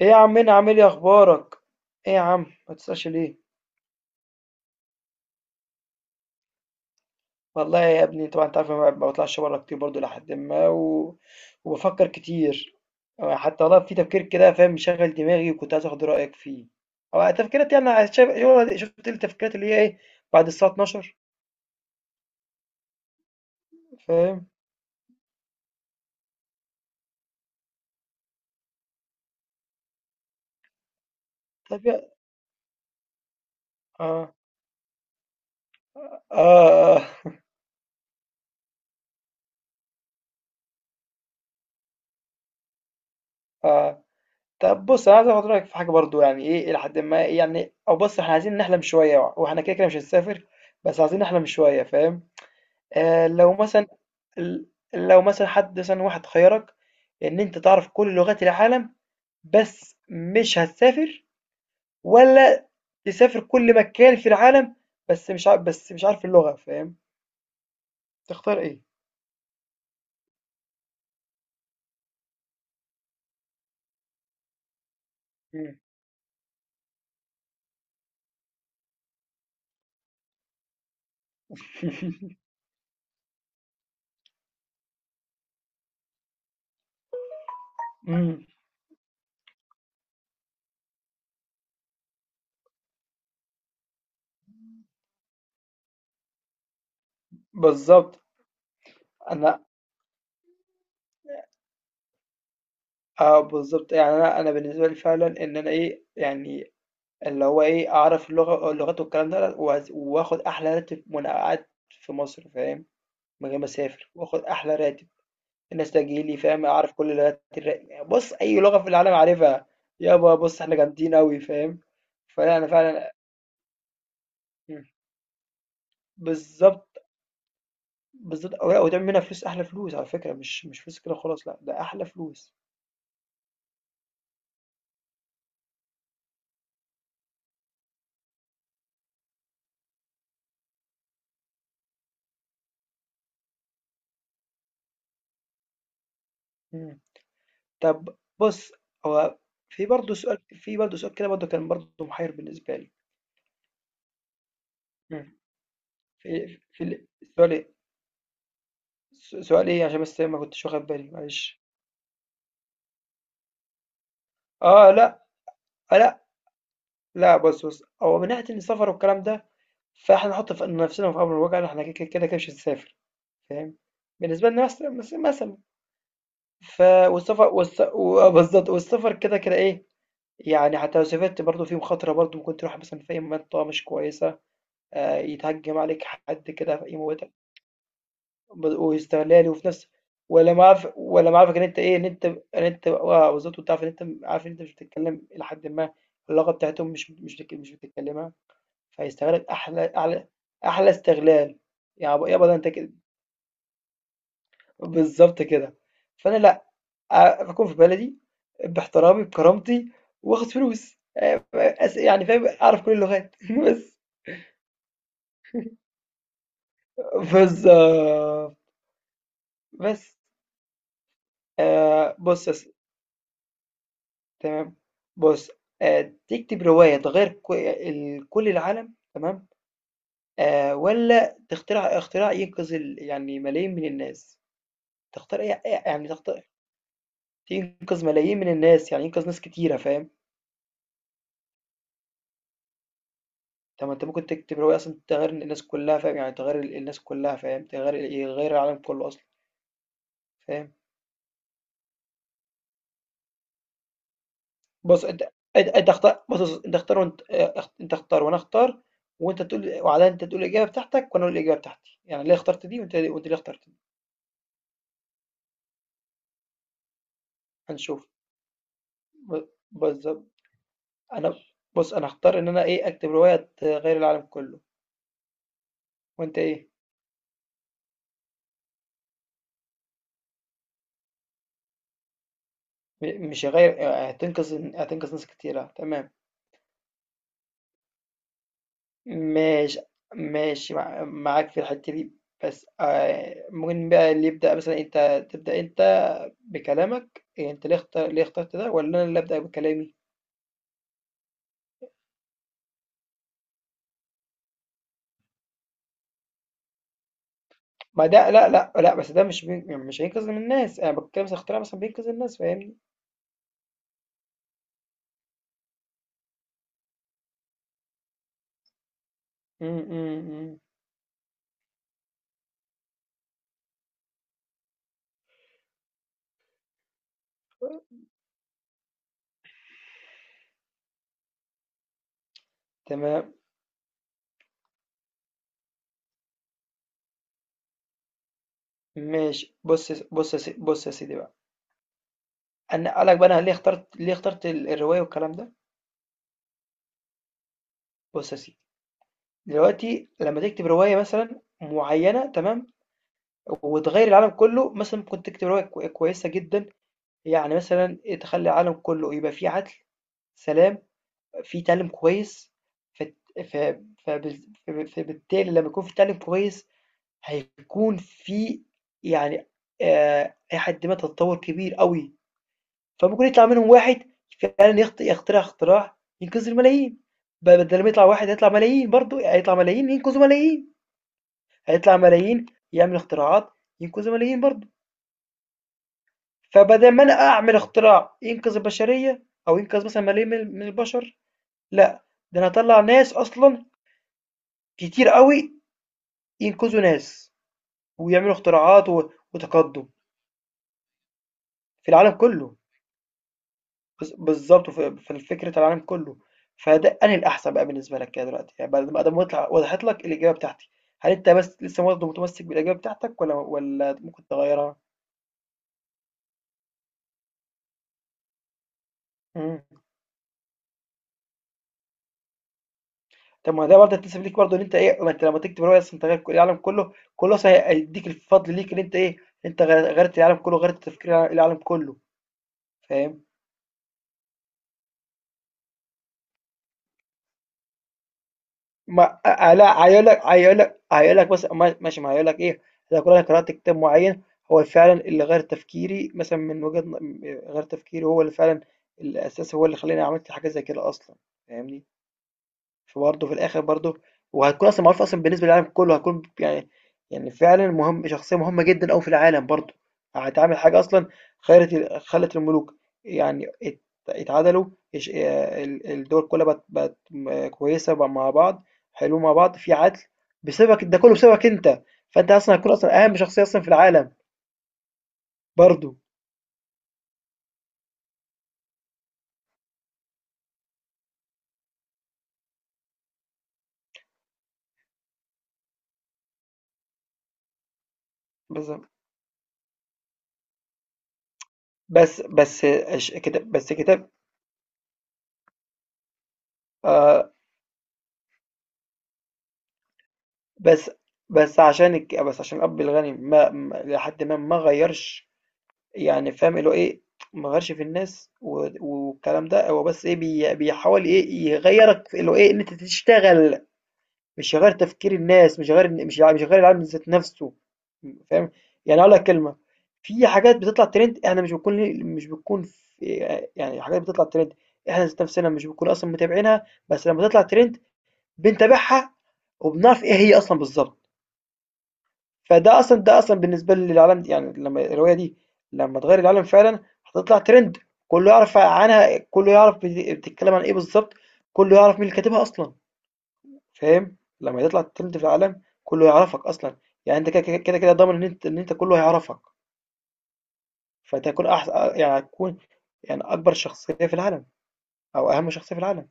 ايه يا عمنا عامل ايه اخبارك؟ ايه يا عم ما تسألش ليه؟ والله يا ابني طبعا انت عارف أنا ما بطلعش بره كتير برضو لحد ما و... وبفكر كتير. حتى والله في تفكير كده فاهم، مشغل دماغي وكنت عايز اخد رأيك فيه او تفكيرات، يعني شايف، شفت التفكيرات اللي هي ايه بعد الساعة 12؟ فاهم؟ طب يا اه اه اه, آه. طب بص انا عايز اخد رأيك في حاجة برضو، يعني ايه الى حد ما، إيه يعني، او بص احنا عايزين نحلم شوية، واحنا كده كده مش هنسافر، بس عايزين نحلم شوية، فاهم؟ آه لو مثلا ال لو مثلًا حد مثلًا واحد خيّرك إن أنت تعرف كل لغات العالم بس مش هتسافر، والّا تسافر كل مكان في العالم بس مش عارف اللغة، فاهم؟ تختار إيه؟ إمم. إمم. بالضبط. أنا بالضبط. يعني أنا بالنسبة لي فعلًا إن أنا إيه، يعني اللي هو إيه، أعرف اللغة، اللغات والكلام ده، وآخُد أحلى راتب وأنا قاعد في مصر، فاهم؟ من غير ما أسافر وآخُد أحلى راتب. النستاجيلي، فاهم، اعرف كل بص اي لغه في العالم عارفها. يابا بص، احنا جامدين قوي، فاهم؟ فلا انا فعلا. مم. بالظبط. بالظبط. او لا، وتعمل منها فلوس، احلى فلوس، على فكره، مش فلوس كده خلاص، لا، ده احلى فلوس. مم. طب بص، هو في برضه سؤال، كده برضه كان برضه محير بالنسبه لي. مم. في في ال- سؤال ايه؟ سؤال ايه عشان بس ما كنتش واخد بالي، معلش. اه لا. آه لا. لا بص، هو من ناحيه السفر والكلام ده، نحُط ف نَفْسنا في أمر الواقع إن إحنا ك ك كده، كده مش هنسافر، فاهم؟ بالنسبة لنا مثلًا، ف والسفر والس و آه بالضبط، والسفر كده، كده إيه، يعني حتى لو سافرت برضه في مخاطرة، برضه ممكن تروح مثلًا في أي منطقة مش كويسة، يتهجم عليك حد كده يموتك، واستغلال، وفي نفس، ولا معارف، ولا معارفك إن أنت إيه، إن أنت بالضبط، وتعرف إن أنت م عارف إن أنت مش بتتكلم، إلى حدٍ ما، اللغة بتاعتهم مش بتتكلمها، فهيستغلك أعلى أحلى استغلال، يعني. يابا، يابا، ده أنت كده، بالضبط كده. فأنا لأ، باكون في بلدي، باحترامي، بكرامتي، وآخد فلوس. أ أس يعني فاهم، أعرف كل اللغات بس. بالضبط. بس. بُص يا سي، تمام. بُص، آآ تكتب رواية تغيّر ك ال كل العالم، تمام، والّا تخترع اختراع ينقذ يعني ملايين من الناس؟ تختار إيه؟ أ يعني تخت تنقذ ملايين من الناس، يعني ينقذ ناس كتيرة، فاهم؟ طب ما أنت ممكن تكتب رواية أصلًا تغيّر الناس كلّها، فاهم، يعني تغيّر الناس كلّها، فاهم، تغيّر يغيّر العالم كلّه أصلًا، فاهم؟ بُص أنت أنت اختار، بُص، بُص أنت اختار وأنت، اخت أنت اختار وأنا أختار، وأنت تقول، وبعدها أنت تقول الإجابة بتاعتك وأنا أقول الإجابة بتاعتي، يعني ليه اخترت دي، وأنت ليه اخترت دي. هنشوف، ب بالضبط، أنا بُص، أنا هاختار إن أنا إيه، أكتب رواية تغيّر العالم كلّه. وأنت إيه؟ مش هيغيّر، هتنقذ ناس كتيرة، تمام. ماشي. ماشي، معاك في الحتة دي. بس آه، ممكن بقى اللي يبدأ مثلا، انت بكلامك، إيه انت ليه ليه اخترت ده، ولا انا اللي أبدأ بكلامي؟ ما ده، لا، بس ده مش هينقذ من الناس، انا بتكلم مثلا اختراع مثلا بينقذ الناس، فاهمني؟ م- م- م. تمام. ماشي. بص يا بص يا بص يا سيدي بقى، انا قالك بقى انا ليه اخترت، ليه اخترت الرواية والكلام ده. بص يا سيدي، دلوقتي لما تكتب رواية مثلا معينة، تمام، وتغير العالم كله، مثلا ممكن تكتب رواية كويسة جدا، يعني مثلا تخلي العالم كله يبقى فيه عدل، سلام، فيه تعلم كويس، فت- ف- فبالتالي لما يكون في تعلم كويس، هيكون في يعني، إلى حد ما، تطور كبير قوي، فممكن يطلع منهم واحد فعلا يخترع اختراع ينقذ الملايين. بدل ما يطلع واحد، هيطلع ملايين برضه، هيطلع ملايين ينقذوا ملايين، هيطلع ملايين يعمل اختراعات ينقذوا ملايين برضه. فبدل ما انا اعمل اختراع ينقذ البشريه، او ينقذ مثلا ملايين من البشر، لا، ده انا هطلع ناس اصلا كتير قوي، ينقذوا ناس، ويعملوا اختراعات وتقدم في العالم كله. بالظبط، في فكره العالم كله. فده انهي الاحسن بقى بالنسبه لك كده دلوقتي، يعني بعد ما ادام وضحت لك الاجابه بتاعتي، هل انت بس لسه برضه متمسك بالاجابه بتاعتك، ولا ممكن تغيرها؟ مم. طب ما ده برضه هتنسب ليك برضه، ان انت ايه، ما انت لما تكتب روايه اصلا انت غير العالم كله كله أصلاً، هيديك الفضل ليك، ان انت ايه، انت غيرت العالم كله، غيرت تفكير العالم كله، فاهم؟ ما لا هيقول لك، بس ماشي، ما هيقول لك ايه، لو كل انا قرات كتاب معين، هو فعلا اللي غير تفكيري مثلا، من غير تفكيري، هو اللي فعلا الاساس، هو اللي خلاني عملت حاجه زي كده اصلا، فاهمني؟ فبرضه في الآخر برضه، وهتكون أصلًا معروفة أصلًا بالنسبة للعالم كله، هتكون يعني، يعني فعلًا مهم، شخصية مهمة جدًا أوي في العالم برضه، هتعمل حاجة أصلًا خيرت خلت الملوك يعني اتعدلوا، اش ال الدول كلها بقت، بقت كويسة بقى مع بعض، حلوين مع بعض، في عدل، بسببك، ده كله بسببك أنت، فأنت أصلًا هتكون أصلًا أهم شخصية أصلًا في العالم برضه. بالضبط. بس بس اش كت بس كتاب، آآ بس بس عشان الأب الغني ما ما- لحد ما ما غيرش، يعني فاهم اللي هو إيه، ما غيرش في الناس والكلام ده، هو بس إيه، بيحاول إيه يغيرك في اللي هو إيه، إن أنت تشتغل، مش غير تفكير الناس، مش غير العالم ذات نفسه، فاهم؟ يعني أقول لك كلمة، في حاجات بتطلع ترند، إحنا مش بنكون، إيه، يعني حاجات بتطلع ترند، إحنا ذات نفسنا مش بنكون أصلا متابعينها، بس لما تطلع ترند بنتابعها وبنعرف إيه هي أصلا بالظبط. فده أصلًا، ده أصلًا بالنسبة لي العالم، يعني لمّا الرواية دي، لمّا اتغيّر العالم فعلًا، هتطلع ترند، كلّه يعرف عنها، كلّه يعرف بتتكلّم عن إيه بالضبط، كلّه يعرف مين اللي كاتبها أصلًا، فاهم؟ لمّا تطلع ترند في العالم، كلّه يعرفك أصلًا، يعني أنت كده، كده، كده، كده ضامن إن أنت كلّه هيعرفك، فأنت هتكون أحس، يعني هتكون يعني أكبر شخصية في العالم، أو أهم شخصية في العالم،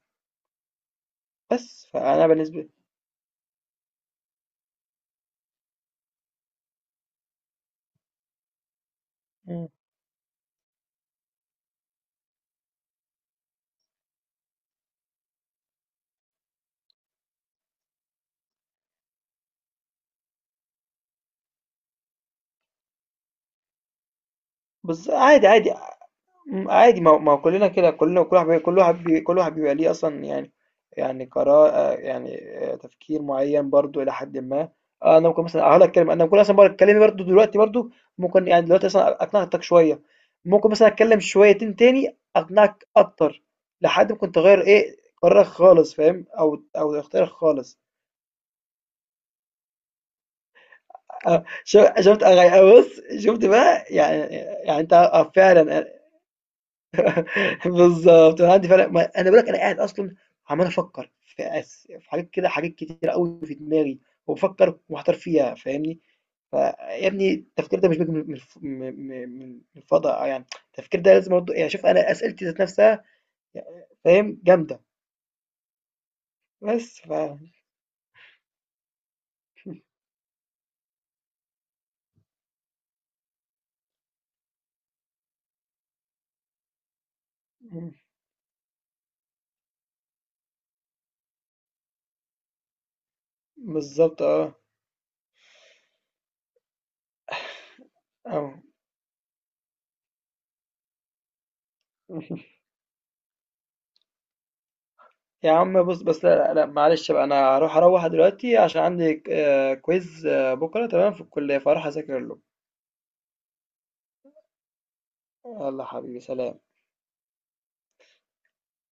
بس فأنا بالنسبة. إمم، عادي، عادي. عادي، ما هو، ما هو كلنا كده، كلنا، كل واحد بيبقى ليه اصلا، يعني، يعني قرار، يعني، تفكير معين برضو الى حد ما. انا ممكن مثلا هقول لك كلمه، انا ممكن مثلا بقول اتكلم برضو دلوقتي برضو، ممكن يعني دلوقتي مثلا اقنعتك شويه، ممكن مثلا اتكلم شويتين تاني اقنعك اكتر، لحد ممكن تغير ايه، قرارك خالص، فاهم، او اختيارك خالص. شفت؟ بص، شفت بقى، يعني يعني انت فعلا بالضبط، أنا عندي فعلًا، ما أنا باقول لك أنا قاعد أصلًا عمّال أفكّر، في حاجات كده، حاجات كتيرة أوي في دماغي، وبافكّر ومحتار فيها، فاهمني؟ فيا ابني التفكير ده مش بييجي من الف م م من من الفضا، يعني التفكير ده لازم برضه، يعني شوف، أنا أسئلتي ذات نفسها، فاهم، جامدة. بس ف إمم، بالضبط. آه. يا عم بُص، بس لأ، لأ، لا معلش بقى، أنا هاروح أروّح دلوقتي عشان عندي ك quiz بُكرة، تمام؟ في الكلية فهاروح أذاكر له. يالّا حبيبي، سلام.